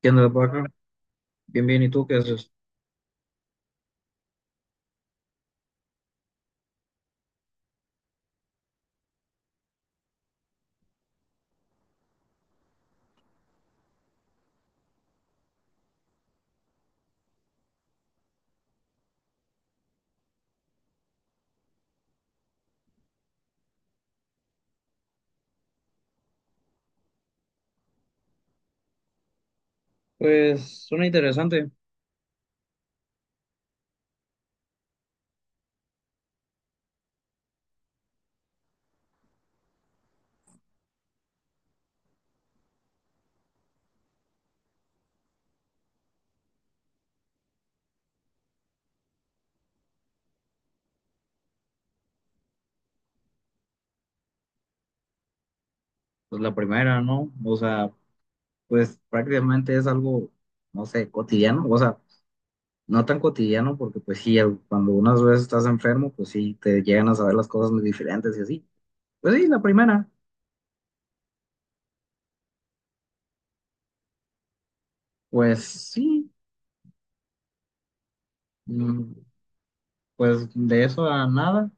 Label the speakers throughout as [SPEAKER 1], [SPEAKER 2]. [SPEAKER 1] ¿Qué onda, Paco? Bien, bien, ¿y tú qué haces? Pues suena interesante. Pues la primera, ¿no? O sea, pues prácticamente es algo, no sé, cotidiano, o sea, no tan cotidiano porque pues sí, cuando unas veces estás enfermo, pues sí, te llegan a saber las cosas muy diferentes y así. Pues sí, la primera, pues sí, mm, pues de eso a nada.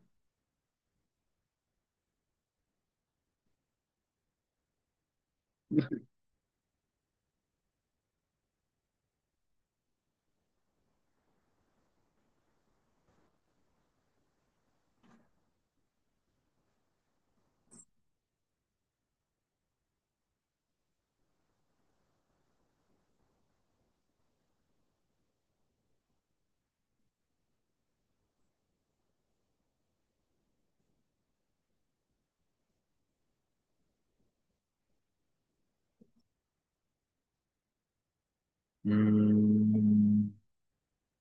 [SPEAKER 1] Mm,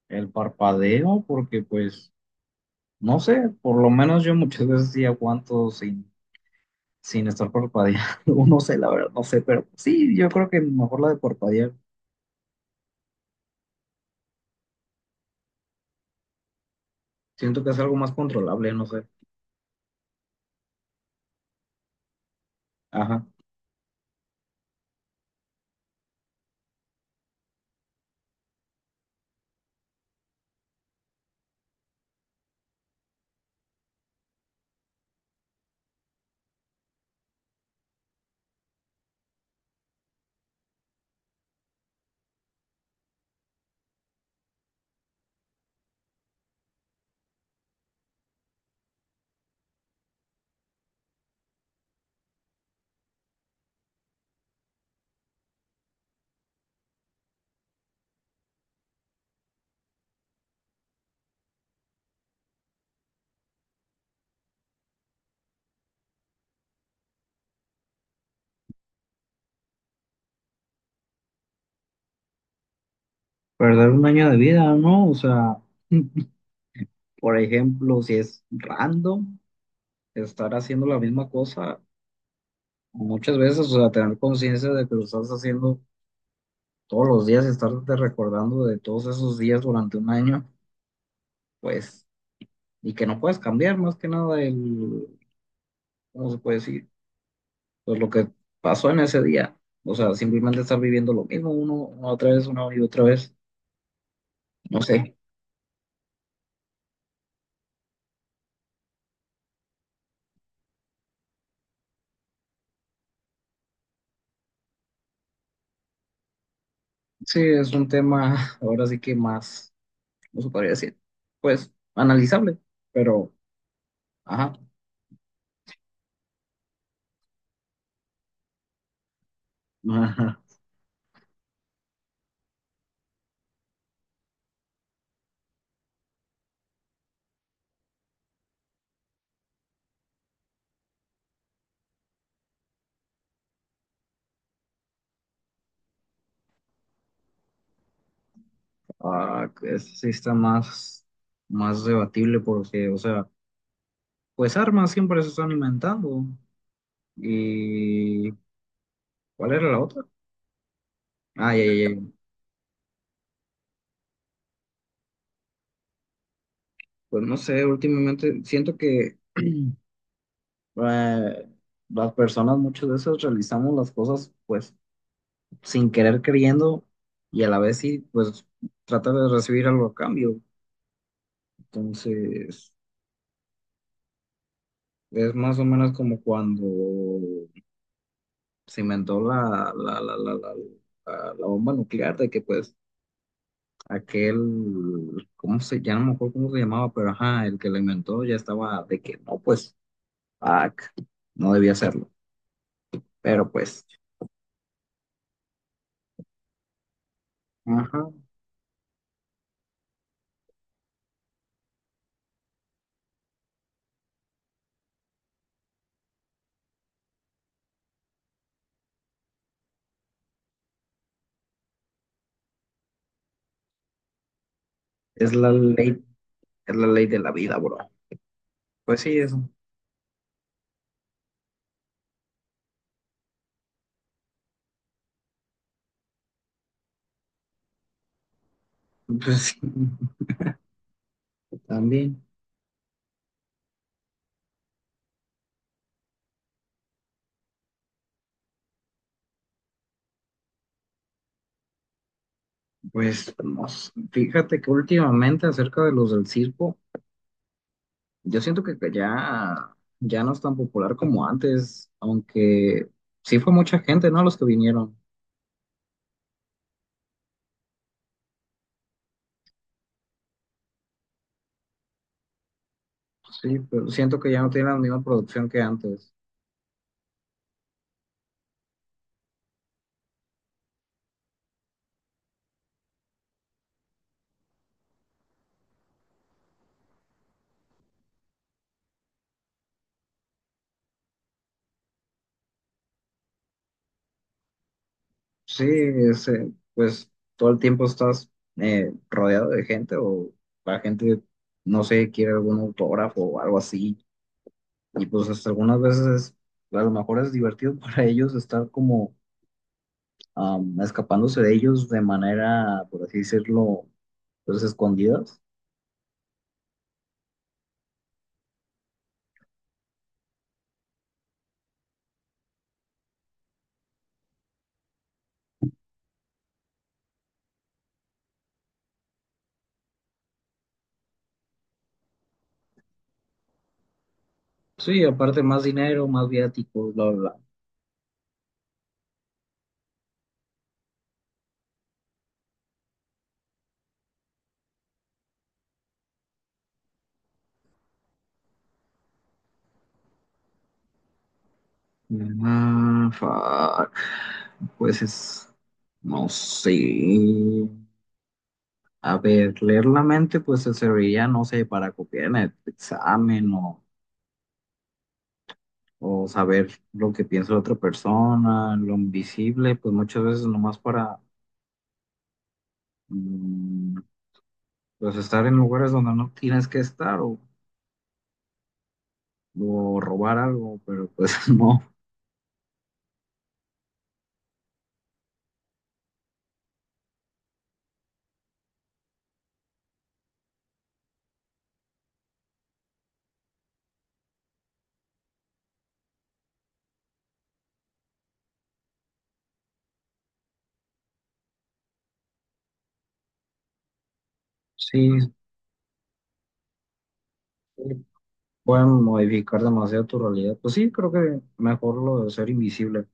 [SPEAKER 1] el parpadeo, porque pues, no sé, por lo menos yo muchas veces sí aguanto sin estar parpadeando. No, no sé, la verdad, no sé, pero sí, yo creo que mejor la de parpadear. Siento que es algo más controlable, no sé. Ajá. Perder un año de vida, ¿no? O sea, por ejemplo, si es random, estar haciendo la misma cosa muchas veces, o sea, tener conciencia de que lo estás haciendo todos los días, y estarte recordando de todos esos días durante un año, pues, y que no puedes cambiar más que nada el, ¿cómo se puede decir? Pues lo que pasó en ese día. O sea, simplemente estar viviendo lo mismo uno, una otra vez, una y otra vez. No sé. Sí, es un tema ahora sí que más, ¿cómo se podría decir? Pues analizable, pero, ajá, ajá, ah, sí está más, más debatible porque, o sea, pues armas siempre se están inventando. ¿Y cuál era la otra? Ah, ya, ya, ya. Pues no sé, últimamente siento que eh, las personas muchas veces realizamos las cosas pues sin querer queriendo y a la vez sí pues trata de recibir algo a cambio. Entonces es más o menos como cuando se inventó la bomba nuclear de que pues aquel, ¿cómo se, ya no me acuerdo cómo se llamaba? Pero ajá, el que la inventó ya estaba de que no, pues, ah, no debía hacerlo. Pero pues, ajá, es la ley, es la ley de la vida, bro. Pues sí, eso. Pues sí, también. Pues no sé. Fíjate que últimamente acerca de los del circo, yo siento que ya, ya no es tan popular como antes, aunque sí fue mucha gente, ¿no? Los que vinieron. Sí, pero siento que ya no tiene la misma producción que antes. Sí, ese, pues todo el tiempo estás rodeado de gente o la gente, no sé, quiere algún autógrafo o algo así. Y pues hasta algunas veces a lo mejor es divertido para ellos estar como escapándose de ellos de manera, por así decirlo, pues escondidas. Sí, aparte más dinero, más viáticos, bla, bla, bla. Ah, fuck. Pues es, no sé. A ver, leer la mente pues te serviría, no sé, para copiar en el examen o saber lo que piensa la otra persona, lo invisible, pues muchas veces nomás para mm, pues estar en lugares donde no tienes que estar o robar algo, pero pues no, sí, sí, pueden modificar demasiado tu realidad. Pues sí, creo que mejor lo de ser invisible.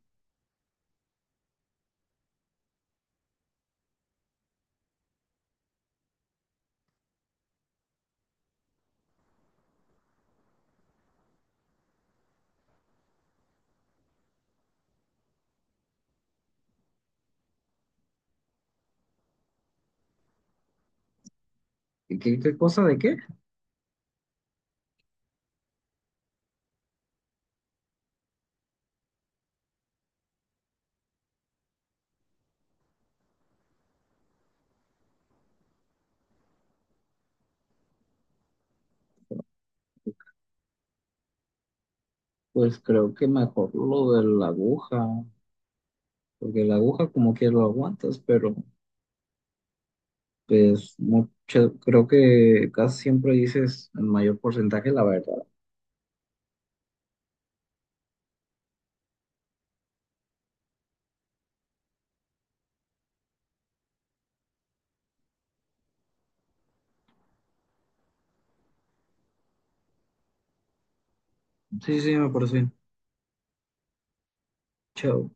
[SPEAKER 1] ¿Y qué, qué cosa de qué? Pues creo que mejor lo de la aguja, porque la aguja como que lo aguantas, pero pues mucho, creo que casi siempre dices el mayor porcentaje la verdad. Sí, sí, me parece bien. Chao.